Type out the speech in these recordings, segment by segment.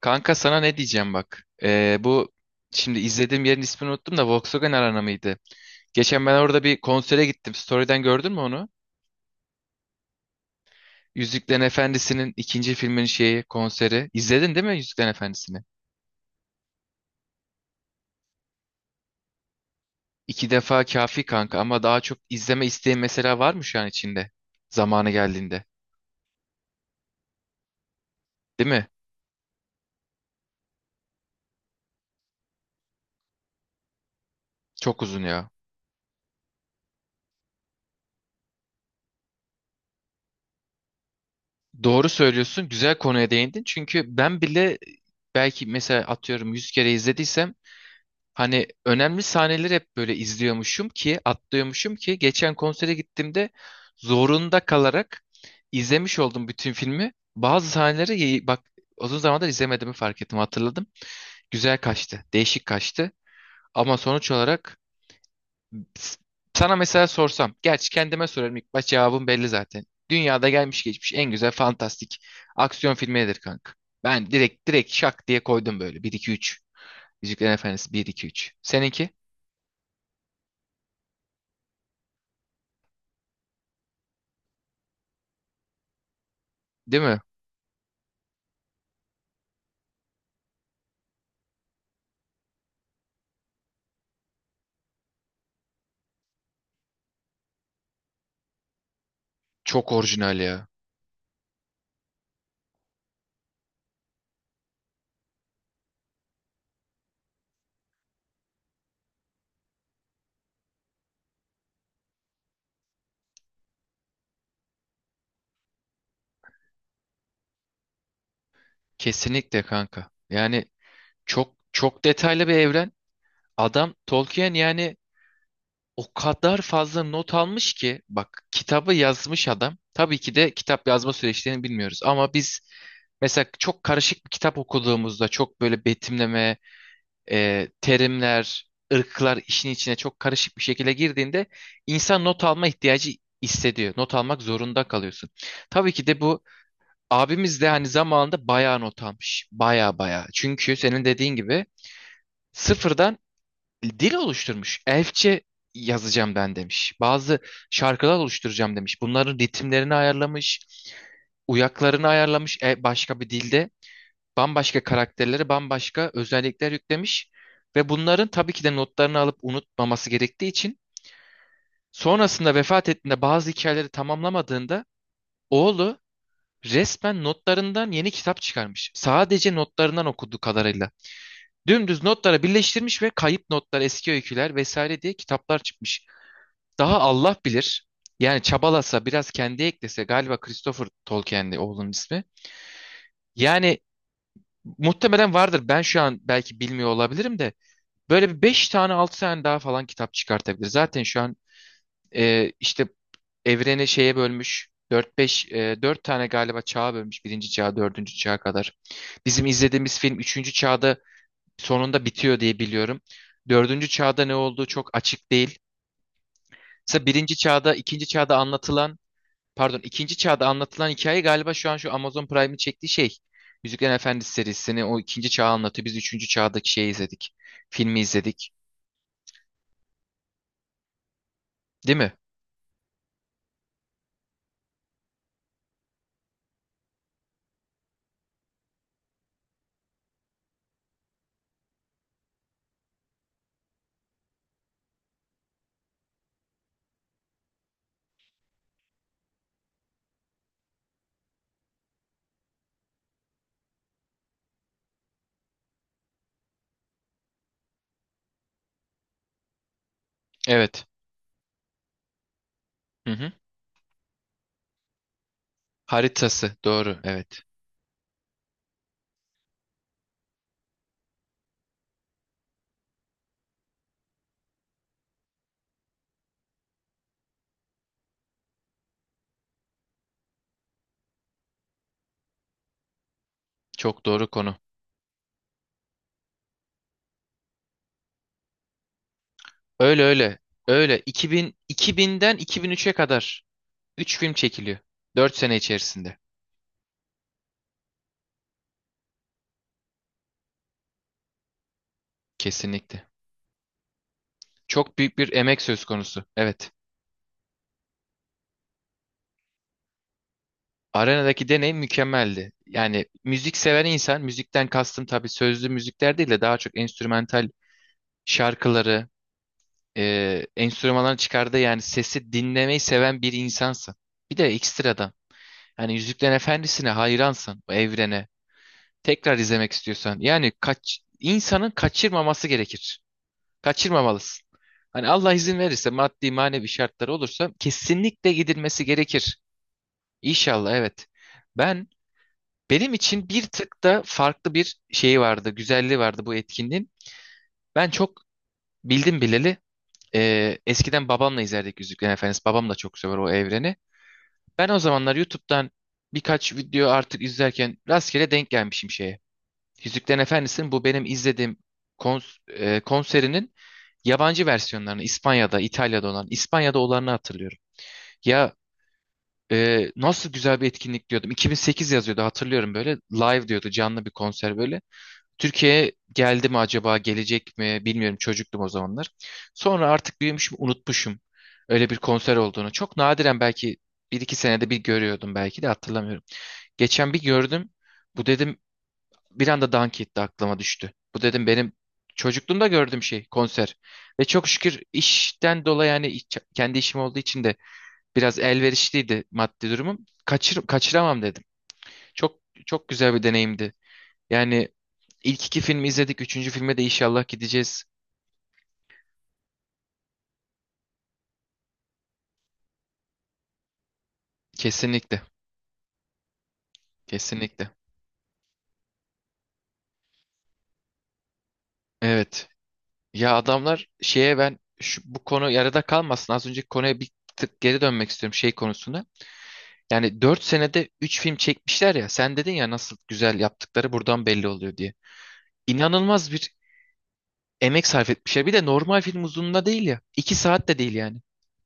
Kanka sana ne diyeceğim bak. Bu şimdi izlediğim yerin ismini unuttum da Volkswagen Arena mıydı? Geçen ben orada bir konsere gittim. Story'den gördün mü onu? Yüzüklerin Efendisi'nin ikinci filmin şeyi konseri. İzledin değil mi Yüzüklerin Efendisi'ni? 2 defa kafi kanka ama daha çok izleme isteği mesela varmış yani içinde. Zamanı geldiğinde. Değil mi? Çok uzun ya. Doğru söylüyorsun. Güzel konuya değindin. Çünkü ben bile belki mesela atıyorum 100 kere izlediysem, hani önemli sahneleri hep böyle izliyormuşum ki, atlıyormuşum ki geçen konsere gittiğimde zorunda kalarak izlemiş oldum bütün filmi. Bazı sahneleri bak, uzun zamandır izlemediğimi fark ettim, hatırladım. Güzel kaçtı, değişik kaçtı. Ama sonuç olarak s- sana mesela sorsam, gerçi kendime sorarım ilk baş cevabım belli zaten. Dünyada gelmiş geçmiş en güzel fantastik aksiyon filmi nedir kanka? Ben direkt şak diye koydum böyle bir 2 3. Yüzüklerin Efendisi bir 2 3. Seninki? Değil mi? Çok orijinal ya. Kesinlikle kanka. Yani çok çok detaylı bir evren. Adam Tolkien yani o kadar fazla not almış ki bak, kitabı yazmış adam. Tabii ki de kitap yazma süreçlerini bilmiyoruz ama biz mesela çok karışık bir kitap okuduğumuzda, çok böyle betimleme, terimler, ırklar işin içine çok karışık bir şekilde girdiğinde insan not alma ihtiyacı hissediyor. Not almak zorunda kalıyorsun. Tabii ki de bu abimiz de hani zamanında bayağı not almış. Bayağı bayağı. Çünkü senin dediğin gibi sıfırdan dil oluşturmuş. Elfçe yazacağım ben demiş. Bazı şarkılar oluşturacağım demiş. Bunların ritimlerini ayarlamış. Uyaklarını ayarlamış, başka bir dilde. Bambaşka karakterlere bambaşka özellikler yüklemiş. Ve bunların tabii ki de notlarını alıp unutmaması gerektiği için sonrasında vefat ettiğinde bazı hikayeleri tamamlamadığında oğlu resmen notlarından yeni kitap çıkarmış. Sadece notlarından okuduğu kadarıyla. Dümdüz notlara birleştirmiş ve kayıp notlar, eski öyküler vesaire diye kitaplar çıkmış. Daha Allah bilir. Yani çabalasa, biraz kendi eklese galiba Christopher Tolkien'di oğlunun ismi. Yani muhtemelen vardır. Ben şu an belki bilmiyor olabilirim de böyle bir 5 tane 6 tane daha falan kitap çıkartabilir. Zaten şu an işte evreni şeye bölmüş. 4-5, 4 tane galiba çağa bölmüş. Birinci çağ, dördüncü çağa kadar. Bizim izlediğimiz film üçüncü çağda sonunda bitiyor diye biliyorum. Dördüncü çağda ne olduğu çok açık değil. Mesela birinci çağda, ikinci çağda anlatılan, pardon ikinci çağda anlatılan hikaye galiba şu an şu Amazon Prime'in çektiği şey. Yüzüklerin Efendisi serisini, o ikinci çağı anlatıyor. Biz üçüncü çağdaki şeyi izledik. Filmi izledik. Değil mi? Evet. Hı hı. Haritası. Doğru. Evet. Çok doğru konu. Öyle öyle. Öyle. 2000'den 2003'e kadar 3 film çekiliyor. 4 sene içerisinde. Kesinlikle. Çok büyük bir emek söz konusu. Evet. Arenadaki deneyim mükemmeldi. Yani müzik seven insan, müzikten kastım tabii sözlü müzikler değil de daha çok enstrümantal şarkıları, enstrümanların çıkardığı yani sesi dinlemeyi seven bir insansın. Bir de ekstradan. Yani Yüzüklerin Efendisi'ne hayransın, o evrene. Tekrar izlemek istiyorsan. Yani kaç, insanın kaçırmaması gerekir. Kaçırmamalısın. Hani Allah izin verirse maddi manevi şartları olursa kesinlikle gidilmesi gerekir. İnşallah evet. Ben Benim için bir tık da farklı bir şeyi vardı, güzelliği vardı bu etkinliğin. Ben çok bildim bileli eskiden babamla izlerdik Yüzüklerin Efendisi. Babam da çok sever o evreni. Ben o zamanlar YouTube'dan birkaç video artık izlerken rastgele denk gelmişim şeye. Yüzüklerin Efendisi'nin, bu benim izlediğim konserinin yabancı versiyonlarını, İspanya'da, İtalya'da olan, İspanya'da olanını hatırlıyorum. Ya, nasıl güzel bir etkinlik diyordum. 2008 yazıyordu, hatırlıyorum böyle. Live diyordu, canlı bir konser böyle. Türkiye'ye geldi mi acaba, gelecek mi bilmiyorum, çocuktum o zamanlar. Sonra artık büyümüşüm, unutmuşum öyle bir konser olduğunu. Çok nadiren belki bir iki senede bir görüyordum, belki de hatırlamıyorum. Geçen bir gördüm. Bu dedim, bir anda Dunk etti, aklıma düştü. Bu dedim benim çocukluğumda gördüğüm şey konser. Ve çok şükür işten dolayı yani kendi işim olduğu için de biraz elverişliydi maddi durumum. Kaçıramam dedim. Çok çok güzel bir deneyimdi. Yani ilk 2 filmi izledik. Üçüncü filme de inşallah gideceğiz. Kesinlikle. Kesinlikle. Evet. Ya adamlar şeye, ben bu konu yarıda kalmasın. Az önceki konuya bir tık geri dönmek istiyorum şey konusunda. Yani 4 senede 3 film çekmişler ya. Sen dedin ya nasıl güzel yaptıkları buradan belli oluyor diye. İnanılmaz bir emek sarf etmişler. Bir de normal film uzunluğunda değil ya. 2 saat de değil yani.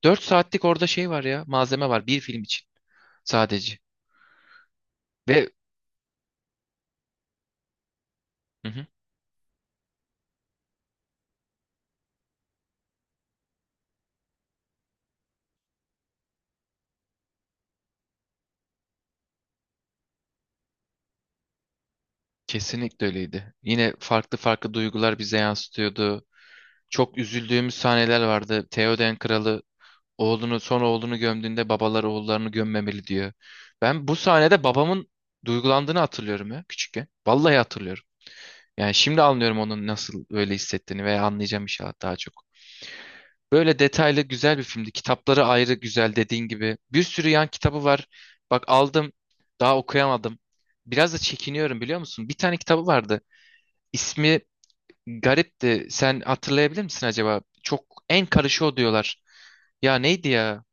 4 saatlik orada şey var ya. Malzeme var bir film için sadece. Ve hı hı, kesinlikle öyleydi. Yine farklı farklı duygular bize yansıtıyordu. Çok üzüldüğümüz sahneler vardı. Theoden Kralı son oğlunu gömdüğünde babalar oğullarını gömmemeli diyor. Ben bu sahnede babamın duygulandığını hatırlıyorum ya, küçükken. Vallahi hatırlıyorum. Yani şimdi anlıyorum onun nasıl öyle hissettiğini, veya anlayacağım inşallah daha çok. Böyle detaylı güzel bir filmdi. Kitapları ayrı güzel dediğin gibi. Bir sürü yan kitabı var. Bak aldım, daha okuyamadım. Biraz da çekiniyorum, biliyor musun? Bir tane kitabı vardı. İsmi garipti. Sen hatırlayabilir misin acaba? Çok en karışı o diyorlar. Ya neydi ya?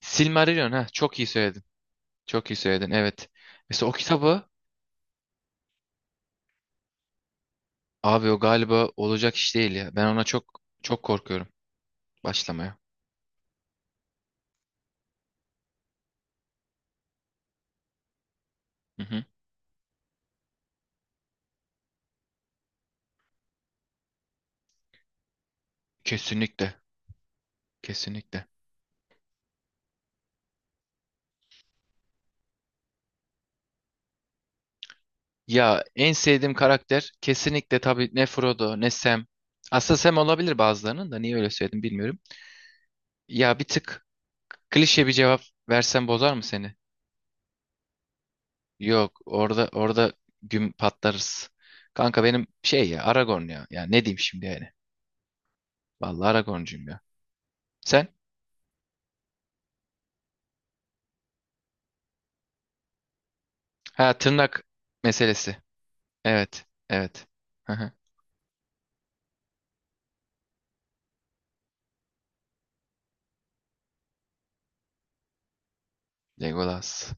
Silmarillion, ha çok iyi söyledin. Çok iyi söyledin, evet. Mesela o kitabı, abi o galiba olacak iş değil ya. Ben ona çok çok korkuyorum başlamaya. Hı hı. Kesinlikle. Kesinlikle. Ya en sevdiğim karakter kesinlikle tabii ne Frodo ne Sam. Aslında Sam olabilir, bazılarının da niye öyle söyledim bilmiyorum. Ya bir tık klişe bir cevap versem bozar mı seni? Yok, orada güm patlarız. Kanka benim şey ya, Aragorn ya. Ya ne diyeyim şimdi yani. Vallahi Aragorn'cuyum ya. Sen? Ha, tırnak meselesi. Evet. Evet. Hı hı. Legolas.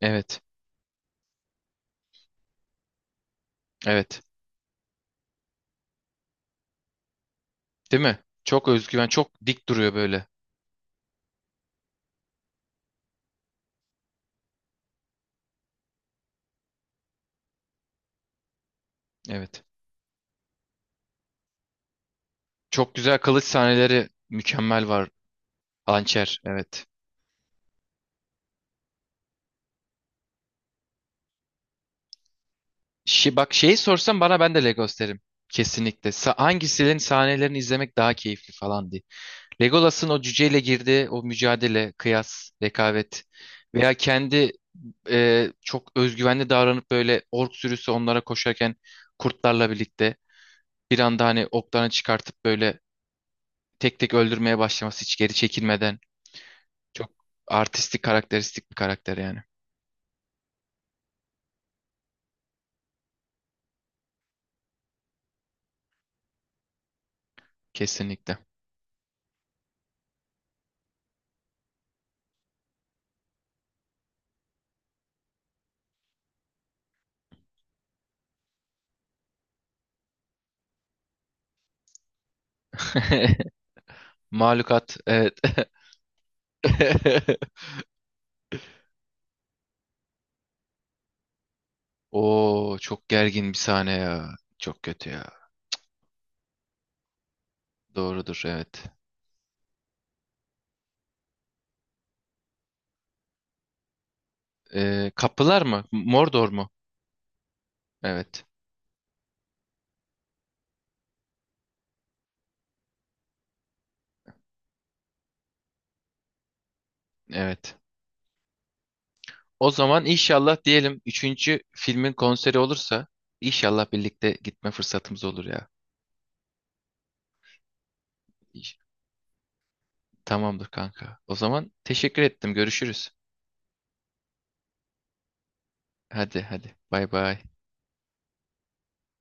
Evet. Evet. Değil mi? Çok özgüven, çok dik duruyor böyle. Evet. Çok güzel kılıç sahneleri mükemmel var. Hançer. Evet. Bak şeyi sorsam bana ben de Legos derim. Kesinlikle. Hangisinin sahnelerini izlemek daha keyifli falan diye. Legolas'ın o cüceyle girdiği o mücadele, kıyas, rekabet, veya kendi çok özgüvenli davranıp böyle ork sürüsü onlara koşarken, kurtlarla birlikte bir anda hani oklarını çıkartıp böyle tek tek öldürmeye başlaması, hiç geri çekilmeden, çok artistik, karakteristik bir karakter yani. Kesinlikle. Mahlukat, evet. Oo, çok gergin bir sahne ya. Çok kötü ya. Doğrudur, evet. Kapılar mı? Mordor mu? Evet. Evet. O zaman inşallah diyelim, üçüncü filmin konseri olursa inşallah birlikte gitme fırsatımız olur ya. İş- Tamamdır kanka. O zaman teşekkür ettim. Görüşürüz. Hadi hadi. Bay bay.